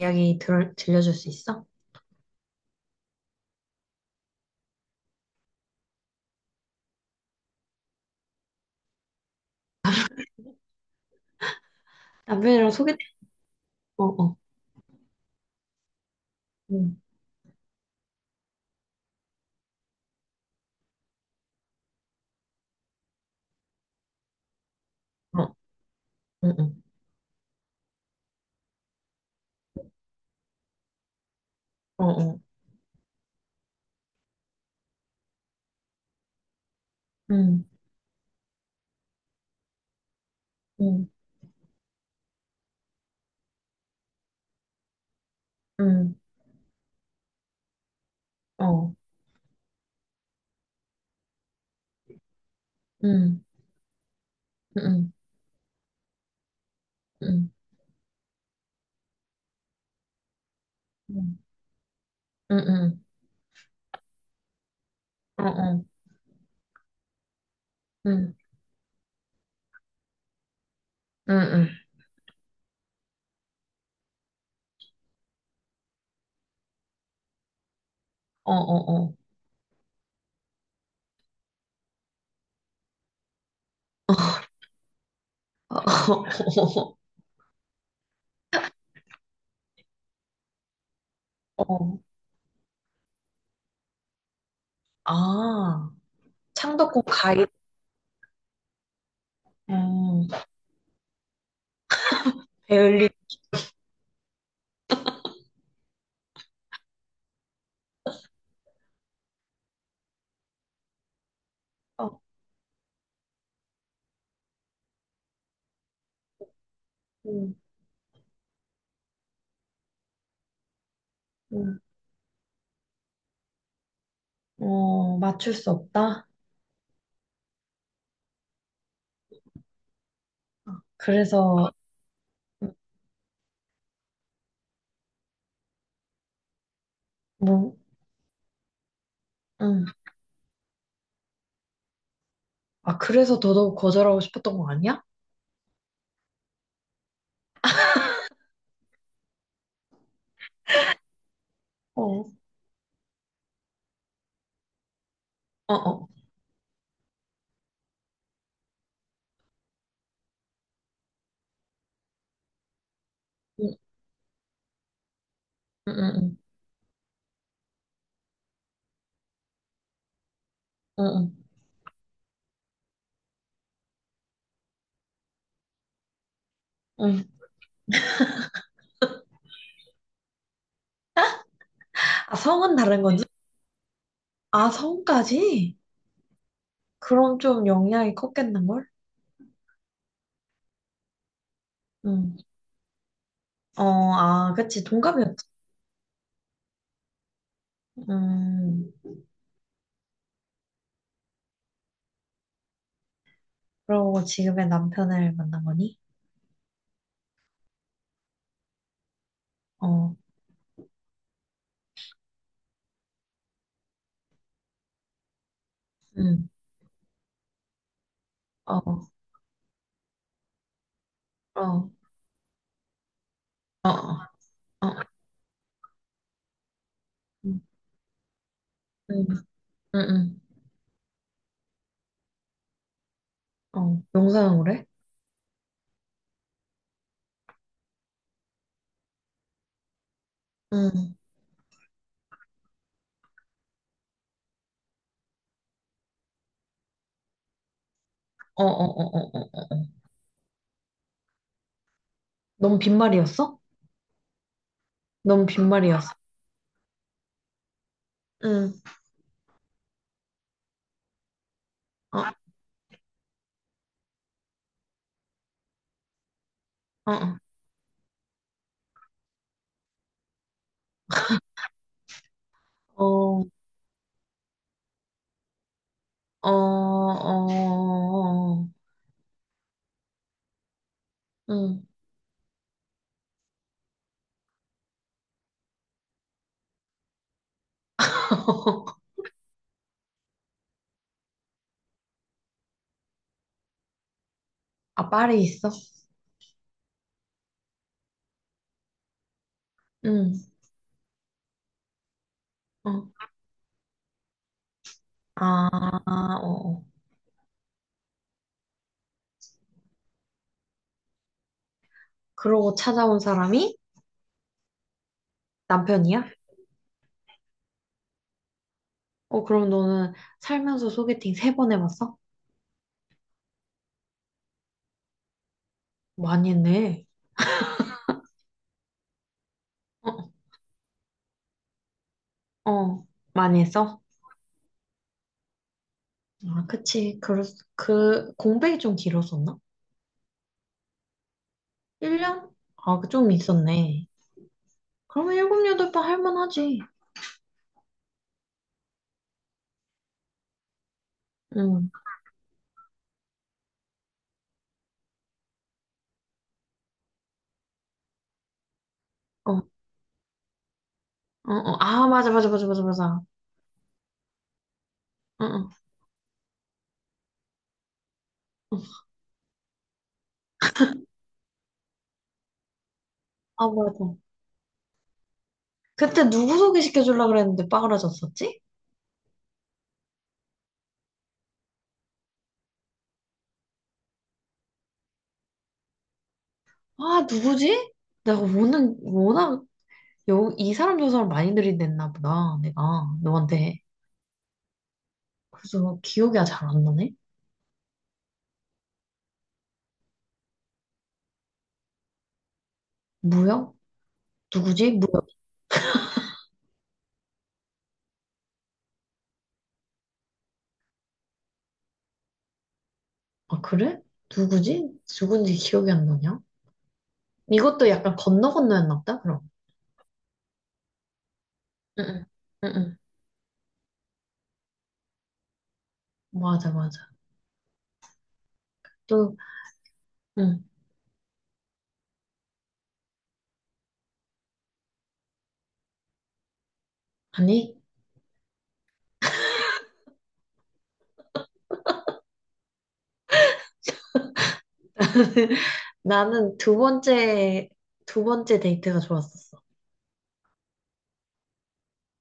이야기 들려줄 수 있어? 남편이랑 소개팅, 어, 어, 응, 어, 어 어, 어, 응, 응, 응, 어, 응, 응, 응, 응, 응, 응, 어, 어, 응, 응, 응, 어, 어, 어, 어, 어, 어, 아, 창덕궁 가이드, 어, 배울리, 어, 응, 응, 어, 맞출 수 없다? 그래서, 뭐, 응, 아, 그래서 더더욱 거절하고 싶었던 거 아니야? 어, 어, 어. 응, 응, 응, 응, 응. 응. 아, 성은 다른 건지? 아, 성까지? 그럼 좀 영향이 컸겠는걸? 응. 어, 아, 그치. 동갑이었지. 음, 그러고 지금의 남편을 만난 거니? 어, 응, 어, 어, 어, 어, 어, 응, 응, 응, 응. 어, 용서는으로 응, 어, 어, 어, 어, 어, 어. 넌 빈말이었어? 넌 빈말이었어? 응, 어, 어, 어, 어, 어, 어, 어. 응. 아, 파리에 있어? 응. 어. 아, 어. 어. 그러고 찾아온 사람이 남편이야? 어, 그럼 너는 살면서 소개팅 세 번 해봤어? 많이 했네. 어, 어. 많이 했어? 아, 그치. 공백이 좀 길었었나? 1년? 아, 그좀 있었네. 그러면 일곱, 여덟 번 할만하지. 응. 어, 어, 어. 아, 맞아, 맞아, 맞아, 맞아, 맞아. 응, 응. 응. 아, 맞아. 그때 누구 소개시켜주려고 그랬는데 빠그라졌었지? 아, 누구지? 내가 워낙, 워낙, 여, 이 사람 저 사람 많이 들이댔나 보다, 내가, 너한테. 그래서 기억이 아 잘안 나네? 무역? 누구지? 무역. 아, 그래? 누구지? 누군지 기억이 안 나냐? 이것도 약간 건너 건너였나 보다, 그럼. 응, 응, 응. 응. 맞아, 맞아. 또, 응. 아니, 나는 두 번째, 두 번째 데이트가 좋았었어.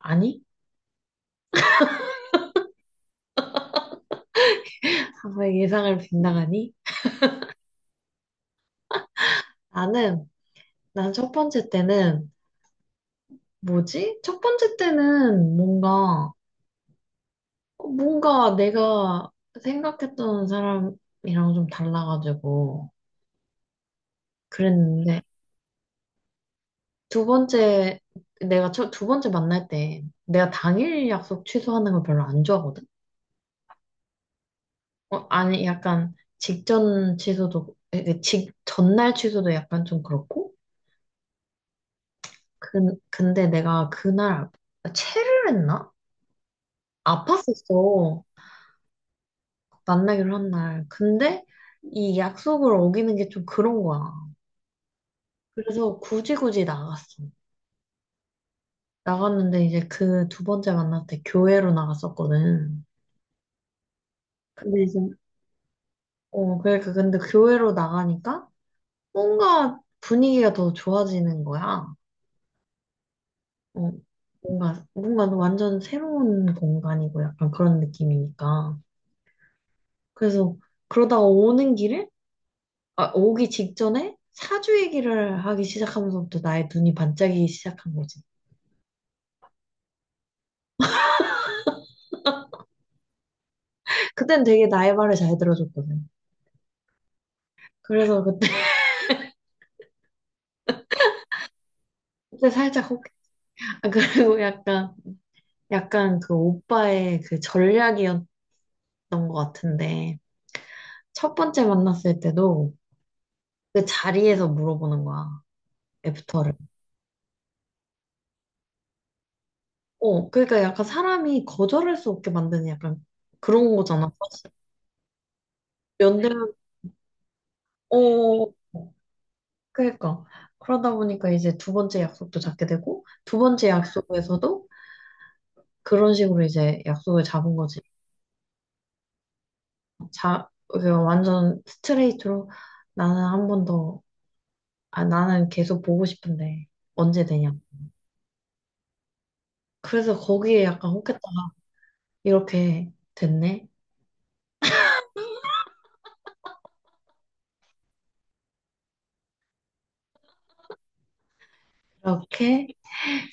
아니? 항상 예상을 빗나가니? 나는, 난 첫 번째 때는 뭐지? 첫 번째 때는 뭔가, 어, 뭔가 내가 생각했던 사람이랑 좀 달라가지고 그랬는데, 두 번째, 내가 첫, 두 번째 만날 때 내가 당일 약속 취소하는 걸 별로 안 좋아하거든? 어, 아니, 약간 직전 취소도, 이게 직, 전날 취소도 약간 좀 그렇고, 그, 근데 내가 그날, 체를 했나? 아팠었어. 만나기로 한 날. 근데 이 약속을 어기는 게 좀 그런 거야. 그래서 굳이 굳이 나갔어. 나갔는데 이제 그 두 번째 만날 때 교회로 나갔었거든. 근데 이제, 어, 그러니까 근데 교회로 나가니까 뭔가 분위기가 더 좋아지는 거야. 어, 뭔가, 뭔가 완전 새로운 공간이고 약간 그런 느낌이니까. 그래서 그러다가 오는 길에, 아, 오기 직전에 사주 얘기를 하기 시작하면서부터 나의 눈이 반짝이기 시작한 거지. 그땐 되게 나의 말을 잘 들어줬거든. 그래서 그때, 그때 살짝 혹, 아, 그리고 약간, 약간 그 오빠의 그 전략이었던 것 같은데, 첫 번째 만났을 때도 그 자리에서 물어보는 거야, 애프터를. 어, 그러니까 약간 사람이 거절할 수 없게 만드는 약간 그런 거잖아. 사실. 연대면, 어, 그러니까. 그러다 보니까 이제 두 번째 약속도 잡게 되고, 두 번째 약속에서도 그런 식으로 이제 약속을 잡은 거지. 자, 그냥 완전 스트레이트로 나는 한 번 더, 아, 나는 계속 보고 싶은데 언제 되냐. 그래서 거기에 약간 혹했다가 이렇게 됐네. 그렇게,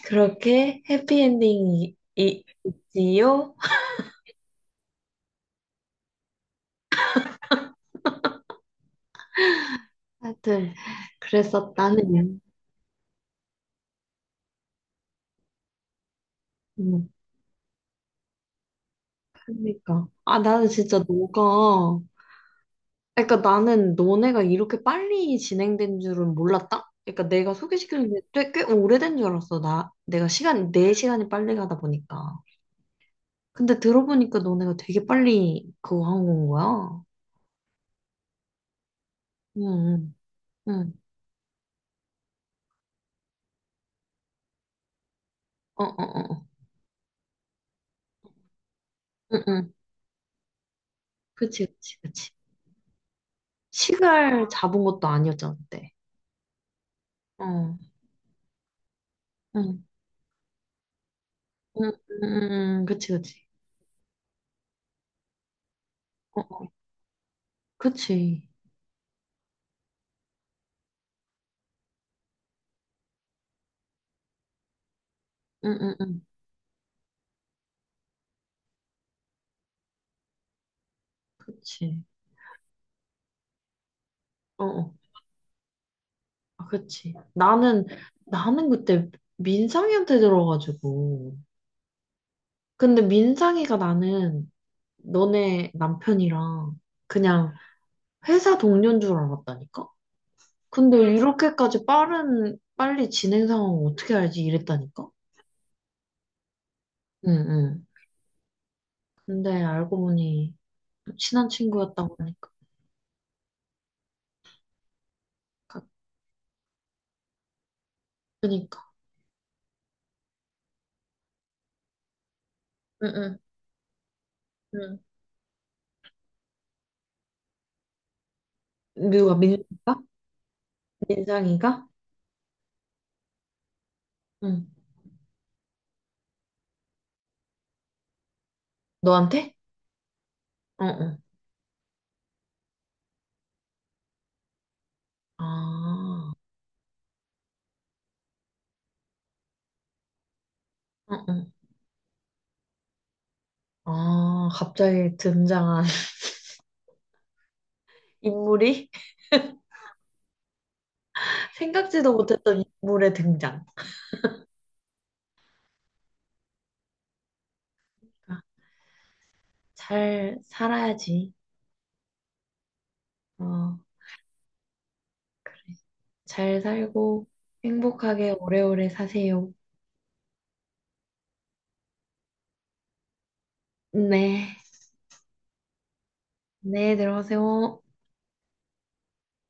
그렇게 해피엔딩이 있지요? 하여튼, 그랬었다네. 음, 그러니까. 아, 나는 진짜 너가 그러니까 나는 너네가 이렇게 빨리 진행된 줄은 몰랐다? 그러니까 내가 소개시키는 게 꽤, 오래된 줄 알았어. 나, 내가 시간, 내 시간이 빨리 가다 보니까. 근데 들어보니까 너네가 되게 빨리 그거 한 건 거야. 응, 응, 응. 어, 어, 어, 어. 응, 응. 그치, 그치, 그치. 시간 잡은 것도 아니었잖아, 그때. 어, 응, 응, 응, 응, 응. 그치, 그치. 어, 어. 그치. 응, 응, 응. 그치. 어 어. 아, 그치. 나는, 나는 그때 민상이한테 들어가지고. 근데 민상이가 나는 너네 남편이랑 그냥 회사 동료인 줄 알았다니까? 근데 응. 이렇게까지 빠른, 빨리 진행 상황 어떻게 알지? 이랬다니까? 응, 응. 근데 알고 보니 친한 친구였다고 하니까. 가- 그니까. 응, 응, 응. 누가, 민상이가? 민상이가? 응. 너한테? 응, 응. 아, 응, 응. 아, 갑자기 등장한 인물이 생각지도 못했던 인물의 등장. 아, 잘 살아야지. 어, 그래. 잘 살고 행복하게 오래오래 사세요. 네. 네, 들어가세요.